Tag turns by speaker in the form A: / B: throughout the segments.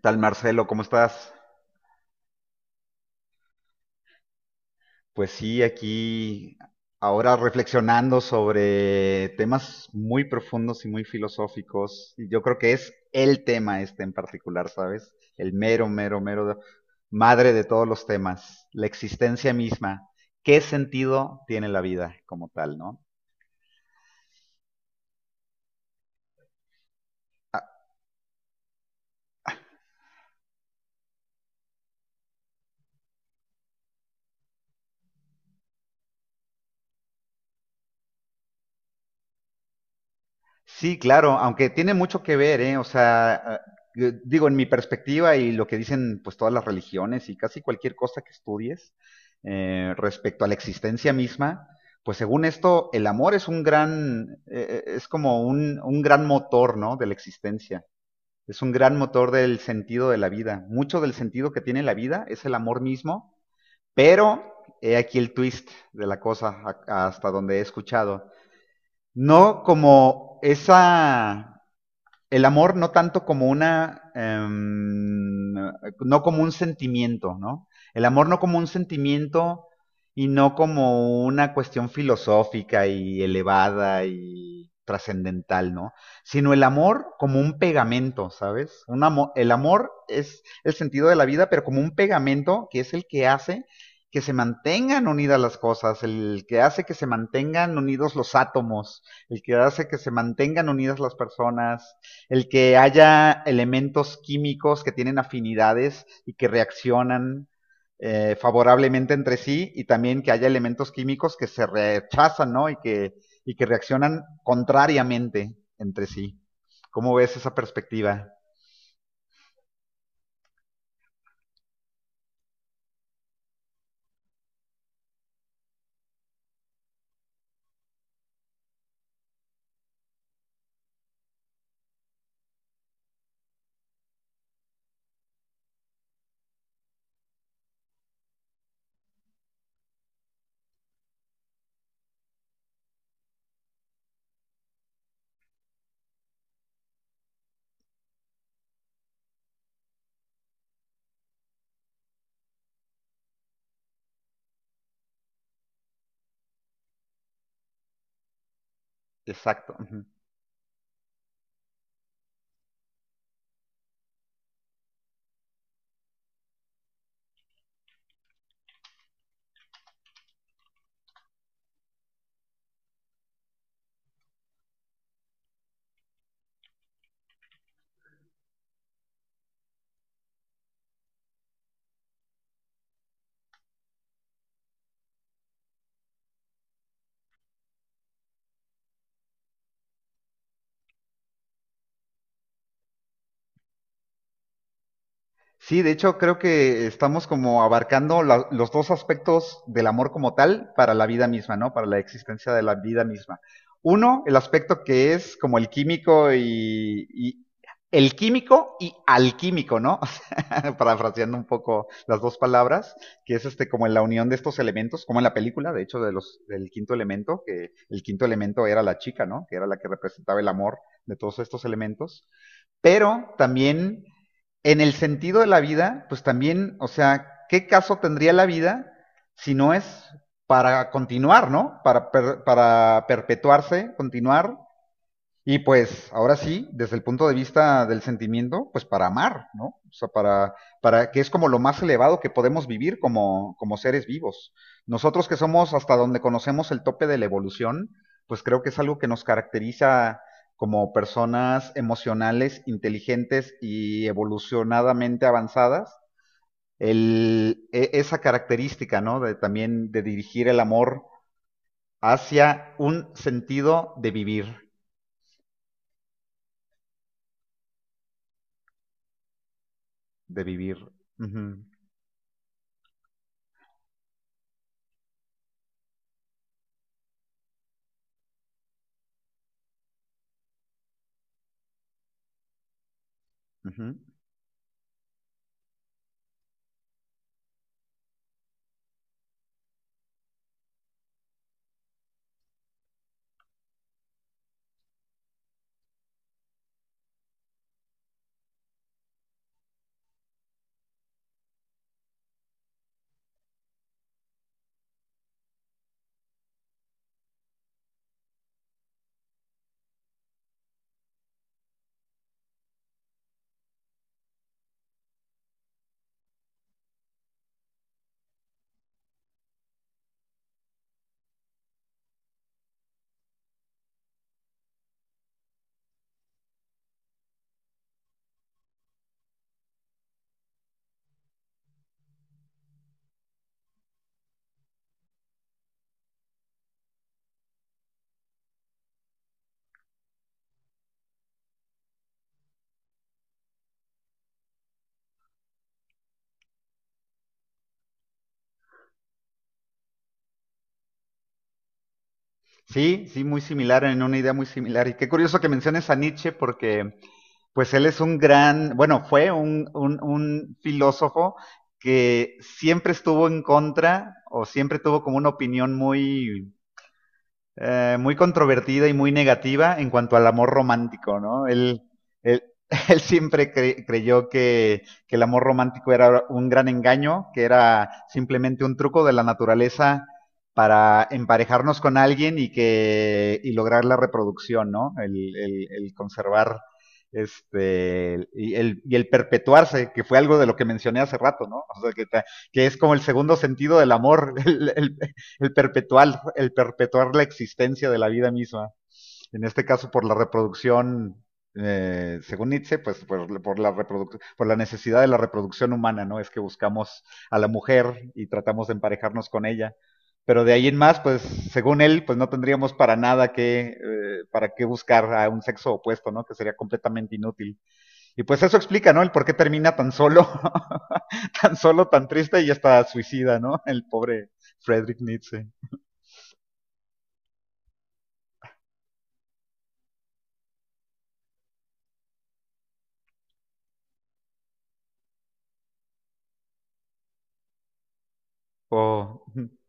A: Tal Marcelo? ¿Cómo estás? Pues sí, aquí ahora reflexionando sobre temas muy profundos y muy filosóficos. Yo creo que es el tema este en particular, ¿sabes? El mero, mero, madre de todos los temas, la existencia misma. ¿Qué sentido tiene la vida como tal, no? Sí, claro, aunque tiene mucho que ver, ¿eh? O sea, digo, en mi perspectiva y lo que dicen pues todas las religiones y casi cualquier cosa que estudies respecto a la existencia misma, pues según esto, el amor es un gran, es como un gran motor, ¿no? De la existencia. Es un gran motor del sentido de la vida. Mucho del sentido que tiene la vida es el amor mismo, pero he aquí el twist de la cosa hasta donde he escuchado. No como esa el amor no tanto como una, no como un sentimiento, ¿no? El amor no como un sentimiento y no como una cuestión filosófica y elevada y trascendental, ¿no? Sino el amor como un pegamento, ¿sabes? Un amor, el amor es el sentido de la vida, pero como un pegamento que es el que hace que se mantengan unidas las cosas, el que hace que se mantengan unidos los átomos, el que hace que se mantengan unidas las personas, el que haya elementos químicos que tienen afinidades y que reaccionan favorablemente entre sí y también que haya elementos químicos que se rechazan, ¿no? Y que reaccionan contrariamente entre sí. ¿Cómo ves esa perspectiva? Exacto. Sí, de hecho creo que estamos como abarcando los dos aspectos del amor como tal para la vida misma, ¿no? Para la existencia de la vida misma. Uno, el aspecto que es como el químico y el químico y alquímico, ¿no? O sea, parafraseando un poco las dos palabras, que es este como la unión de estos elementos, como en la película, de hecho, de los del quinto elemento, que el quinto elemento era la chica, ¿no? Que era la que representaba el amor de todos estos elementos. Pero también en el sentido de la vida, pues también, o sea, ¿qué caso tendría la vida si no es para continuar, ¿no? Para para perpetuarse, continuar y pues, ahora sí, desde el punto de vista del sentimiento, pues para amar, ¿no? O sea, para que es como lo más elevado que podemos vivir como, como seres vivos. Nosotros que somos hasta donde conocemos el tope de la evolución, pues creo que es algo que nos caracteriza como personas emocionales, inteligentes y evolucionadamente avanzadas, esa característica, ¿no? De también de dirigir el amor hacia un sentido de vivir, de vivir. Ujú. Ujú. Sí, sí, muy similar, en una idea muy similar. Y qué curioso que menciones a Nietzsche porque pues él es un gran, bueno, fue un un filósofo que siempre estuvo en contra o siempre tuvo como una opinión muy muy controvertida y muy negativa en cuanto al amor romántico, ¿no? Él, él siempre creyó que el amor romántico era un gran engaño, que era simplemente un truco de la naturaleza para emparejarnos con alguien y lograr la reproducción, ¿no? El el conservar este y el perpetuarse, que fue algo de lo que mencioné hace rato, ¿no? O sea, que es como el segundo sentido del amor, el perpetuar la existencia de la vida misma. En este caso, por la reproducción, según Nietzsche, pues por la reproduc por la necesidad de la reproducción humana, ¿no? Es que buscamos a la mujer y tratamos de emparejarnos con ella. Pero de ahí en más, pues según él, pues no tendríamos para nada que, para qué buscar a un sexo opuesto, ¿no? Que sería completamente inútil. Y pues eso explica, ¿no? El por qué termina tan solo, tan solo, tan triste y hasta suicida, ¿no? El pobre Friedrich Nietzsche. O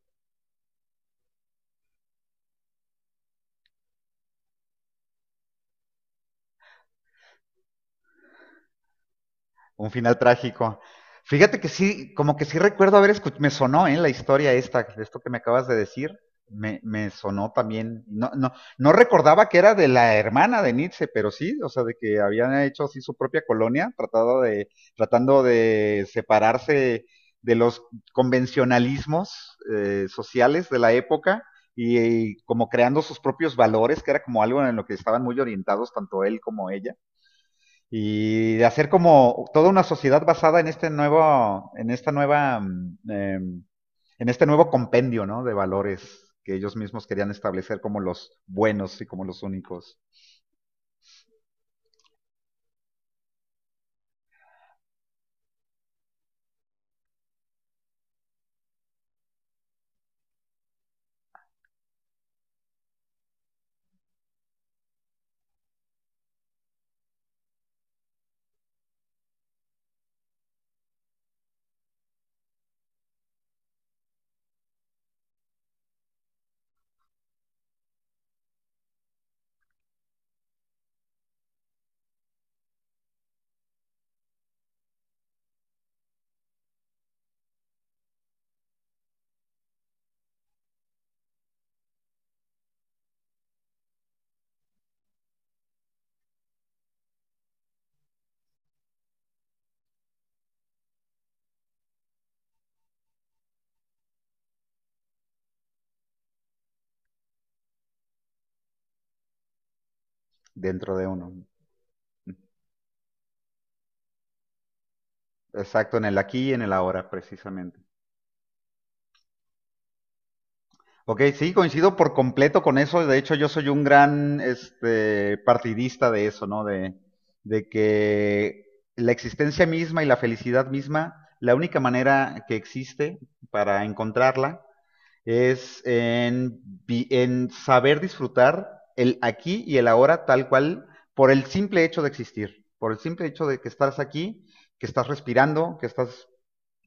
A: un final trágico. Fíjate que sí, como que sí recuerdo haber escuchado, me sonó ¿eh? La historia esta, esto que me acabas de decir, me sonó también, no recordaba que era de la hermana de Nietzsche, pero sí, o sea, de que habían hecho así su propia colonia, tratado de, tratando de separarse de los convencionalismos sociales de la época y, y como creando sus propios valores, que era como algo en lo que estaban muy orientados tanto él como ella. Y de hacer como toda una sociedad basada en este nuevo, en esta nueva, eh, en este nuevo compendio, ¿no? De valores que ellos mismos querían establecer como los buenos y como los únicos dentro de uno. Exacto, en el aquí y en el ahora, precisamente. Ok, sí, coincido por completo con eso. De hecho, yo soy un gran este, partidista de eso, ¿no? De que la existencia misma y la felicidad misma, la única manera que existe para encontrarla es en, en saber disfrutar el aquí y el ahora tal cual por el simple hecho de existir, por el simple hecho de que estás aquí, que estás respirando, que estás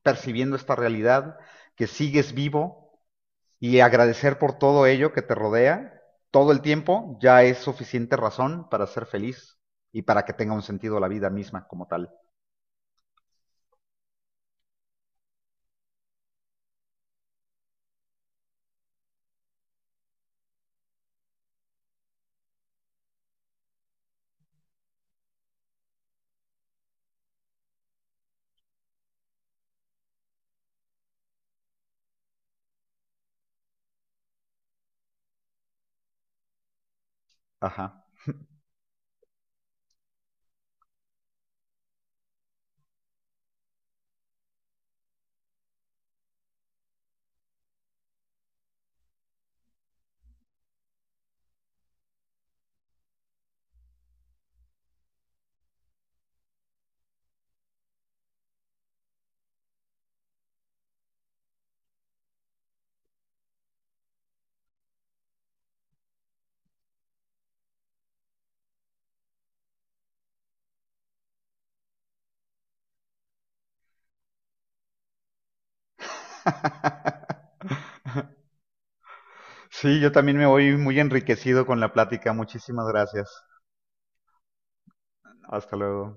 A: percibiendo esta realidad, que sigues vivo y agradecer por todo ello que te rodea todo el tiempo ya es suficiente razón para ser feliz y para que tenga un sentido la vida misma como tal. Ajá. Sí, yo también me voy muy enriquecido con la plática. Muchísimas gracias. Hasta luego.